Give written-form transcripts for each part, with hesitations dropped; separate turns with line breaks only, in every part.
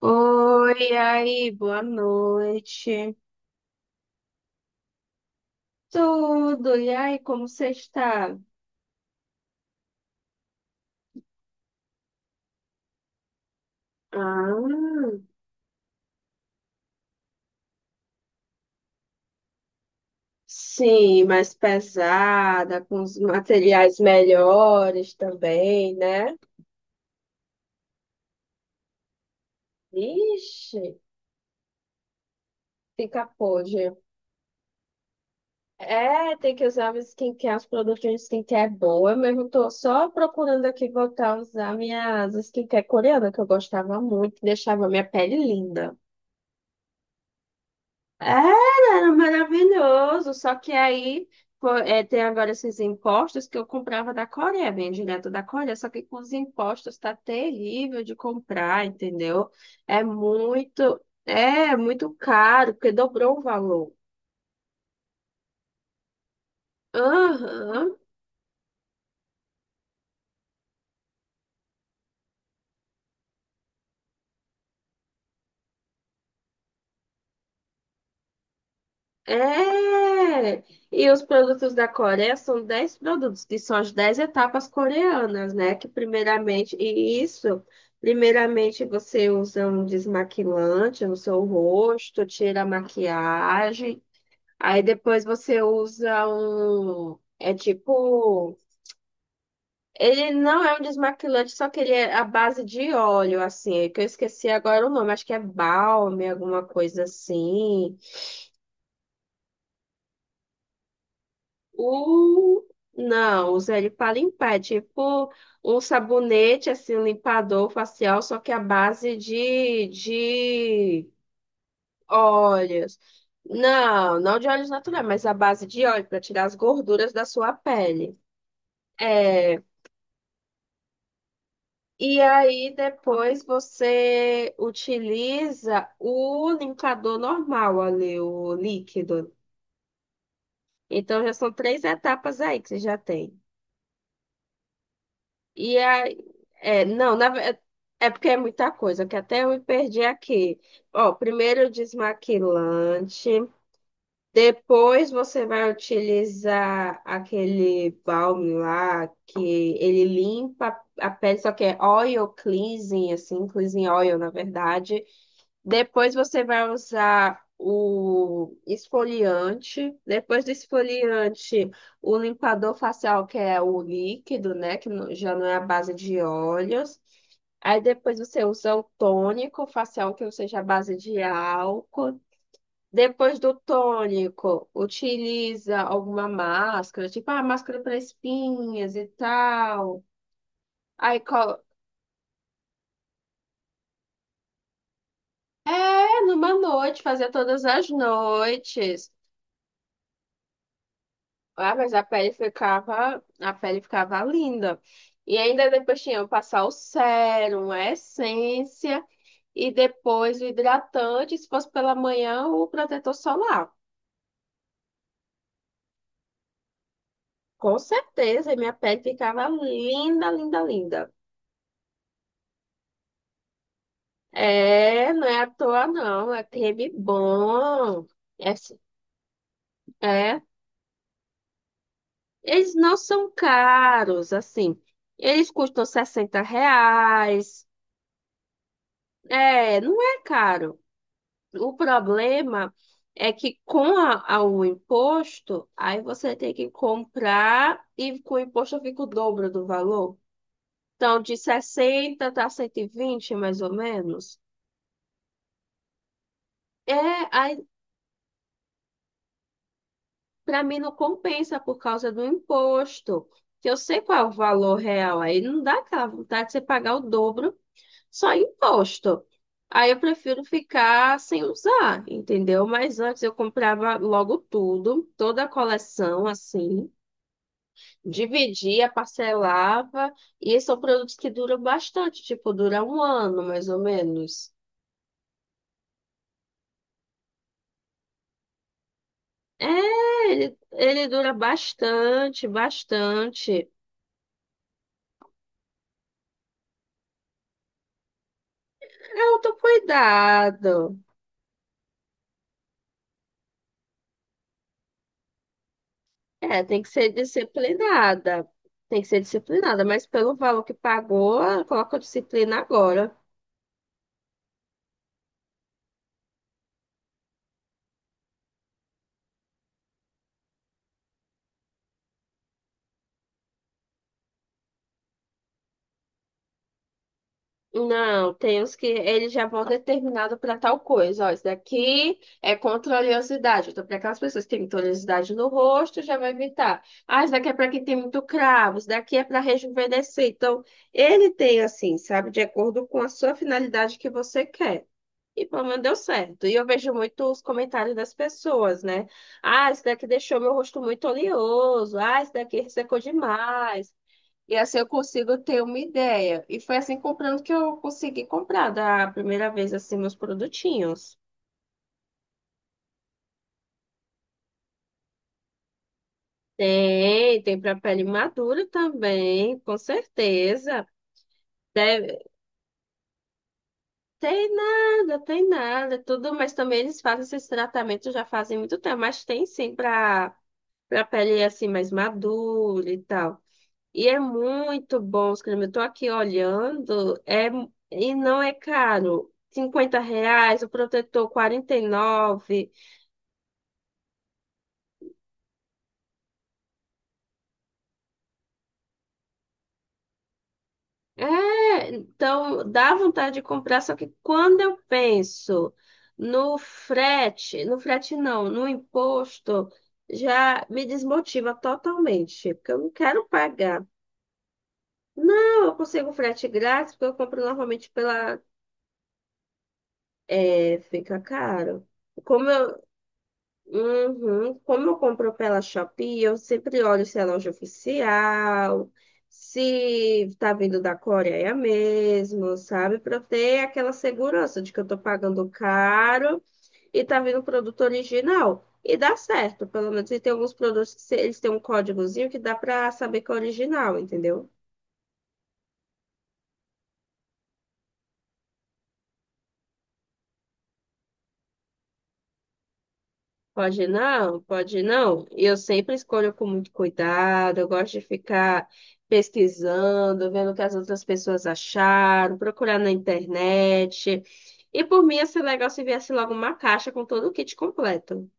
Oi, e aí, boa noite. Tudo, e aí, como você está? Ah, sim, mais pesada, com os materiais melhores também, né? Ixi, fica podre. É, tem que usar o skincare, os produtos de skincare boa. Eu mesmo tô só procurando aqui voltar a usar minhas skincare coreana, que eu gostava muito, que deixava minha pele linda. Era, era maravilhoso. Só que aí pô, é, tem agora esses impostos que eu comprava da Coreia, bem direto da Coreia. Só que com os impostos tá terrível de comprar, entendeu? É muito caro, porque dobrou o valor. Aham. É! E os produtos da Coreia são 10 produtos, que são as 10 etapas coreanas, né? Que primeiramente, e isso, primeiramente você usa um desmaquilante no seu rosto, tira a maquiagem, aí depois você usa um, é tipo, ele não é um desmaquilante, só que ele é a base de óleo, assim, que eu esqueci agora o nome, acho que é balme, alguma coisa assim. O... Não, usa ele para limpar. É tipo um sabonete, assim, um limpador facial, só que à base de óleos. Não, não de óleos naturais, mas à base de óleo para tirar as gorduras da sua pele. É. E aí depois você utiliza o limpador normal ali, o líquido. Então já são três etapas aí que você já tem. E aí, é, não, na, ve- é porque é muita coisa, que até eu me perdi aqui. Ó, primeiro o desmaquilante, depois você vai utilizar aquele balme lá que ele limpa a pele, só que é oil cleansing, assim, cleansing oil, na verdade. Depois você vai usar o esfoliante. Depois do esfoliante, o limpador facial, que é o líquido, né? Que já não é a base de óleos. Aí depois você usa o tônico facial, que não seja a base de álcool. Depois do tônico, utiliza alguma máscara, tipo a máscara para espinhas e tal. Aí, é, numa noite, fazer todas as noites. Ah, mas a pele ficava linda. E ainda depois tinha que passar o sérum, a essência e depois o hidratante, se fosse pela manhã, o protetor solar. Com certeza, e minha pele ficava linda, linda, linda. É, não é à toa não, é creme bom. É, s- é. Eles não são caros, assim. Eles custam R$ 60. É, não é caro. O problema é que com o imposto, aí você tem que comprar e com o imposto fica o dobro do valor. Então, de 60 tá 120 mais ou menos. É, aí para mim não compensa por causa do imposto. Que eu sei qual é o valor real, aí não dá aquela vontade de você pagar o dobro só em imposto. Aí eu prefiro ficar sem usar, entendeu? Mas antes eu comprava logo tudo, toda a coleção assim. Dividia, parcelava, e são produtos que duram bastante, tipo, dura um ano, mais ou menos. É, ele dura bastante, bastante. É autocuidado. É, tem que ser disciplinada. Tem que ser disciplinada, mas pelo valor que pagou, coloca a disciplina agora. Não, tem uns que ele já vão determinado para tal coisa. Ó, isso daqui é contra a oleosidade. Então, para aquelas pessoas que têm muita oleosidade no rosto, já vai evitar. Ah, isso daqui é para quem tem muito cravo, isso daqui é para rejuvenescer. Então, ele tem assim, sabe, de acordo com a sua finalidade que você quer. E pelo menos deu certo. E eu vejo muito os comentários das pessoas, né? Ah, isso daqui deixou meu rosto muito oleoso. Ah, isso daqui ressecou demais. E assim eu consigo ter uma ideia. E foi assim comprando que eu consegui comprar da primeira vez assim meus produtinhos. Tem, tem para pele madura também, com certeza. Deve- tem nada, tudo, mas também eles fazem esses tratamentos já fazem muito tempo, mas tem sim para pele assim mais madura e tal. E é muito bom os cremes. Eu tô aqui olhando, é, e não é caro. R$ 50, o protetor 49. É, então dá vontade de comprar, só que quando eu penso no frete, no frete não, no imposto, já me desmotiva totalmente, porque eu não quero pagar. Não, eu consigo frete grátis, porque eu compro normalmente pela... É, fica caro. Como eu, Uhum. Como eu compro pela Shopee, eu sempre olho se é loja oficial, se tá vindo da Coreia mesmo, sabe? Para ter aquela segurança de que eu tô pagando caro e tá vindo produto original. E dá certo, pelo menos. E tem alguns produtos que eles têm um códigozinho que dá para saber que é original, entendeu? Pode não, pode não. Eu sempre escolho com muito cuidado, eu gosto de ficar pesquisando, vendo o que as outras pessoas acharam, procurar na internet. E por mim ia ser legal se viesse logo uma caixa com todo o kit completo.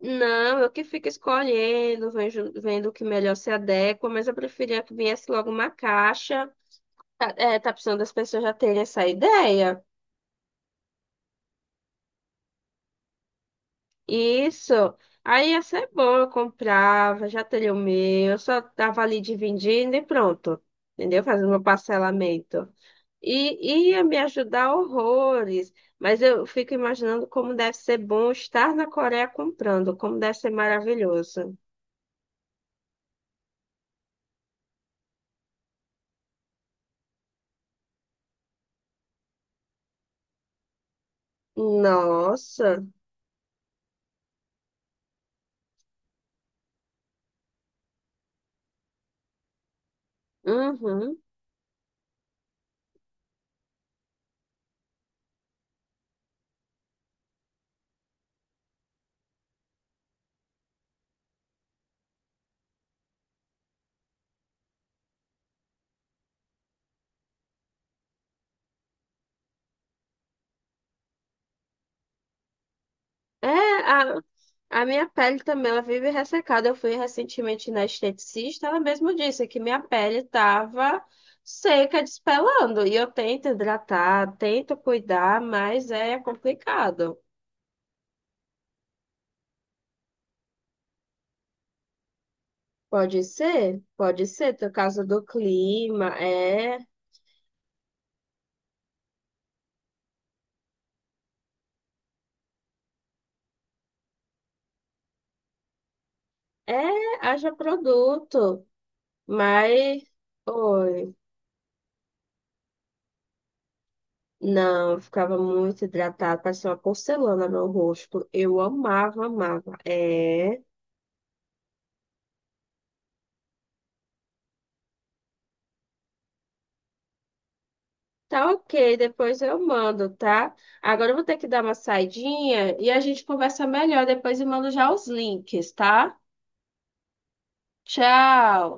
Não, eu que fico escolhendo, vendo o que melhor se adequa, mas eu preferia que viesse logo uma caixa. Tá, é, tá precisando das pessoas já terem essa ideia. Isso. Aí ia ser bom, eu comprava, já teria o meu, eu só tava ali dividindo e pronto. Entendeu? Fazendo meu parcelamento. E ia me ajudar horrores. Mas eu fico imaginando como deve ser bom estar na Coreia comprando, como deve ser maravilhoso. Nossa. Uhum. É, a minha pele também, ela vive ressecada. Eu fui recentemente na esteticista, ela mesmo disse que minha pele tava seca, despelando. E eu tento hidratar, tento cuidar, mas é complicado. Pode ser, por causa do clima, é, é, haja produto, mas, oi, não, eu ficava muito hidratada, parecia uma porcelana no rosto, eu amava, amava, é... Tá ok, depois eu mando, tá? Agora eu vou ter que dar uma saidinha e a gente conversa melhor depois e mando já os links, tá? Tchau!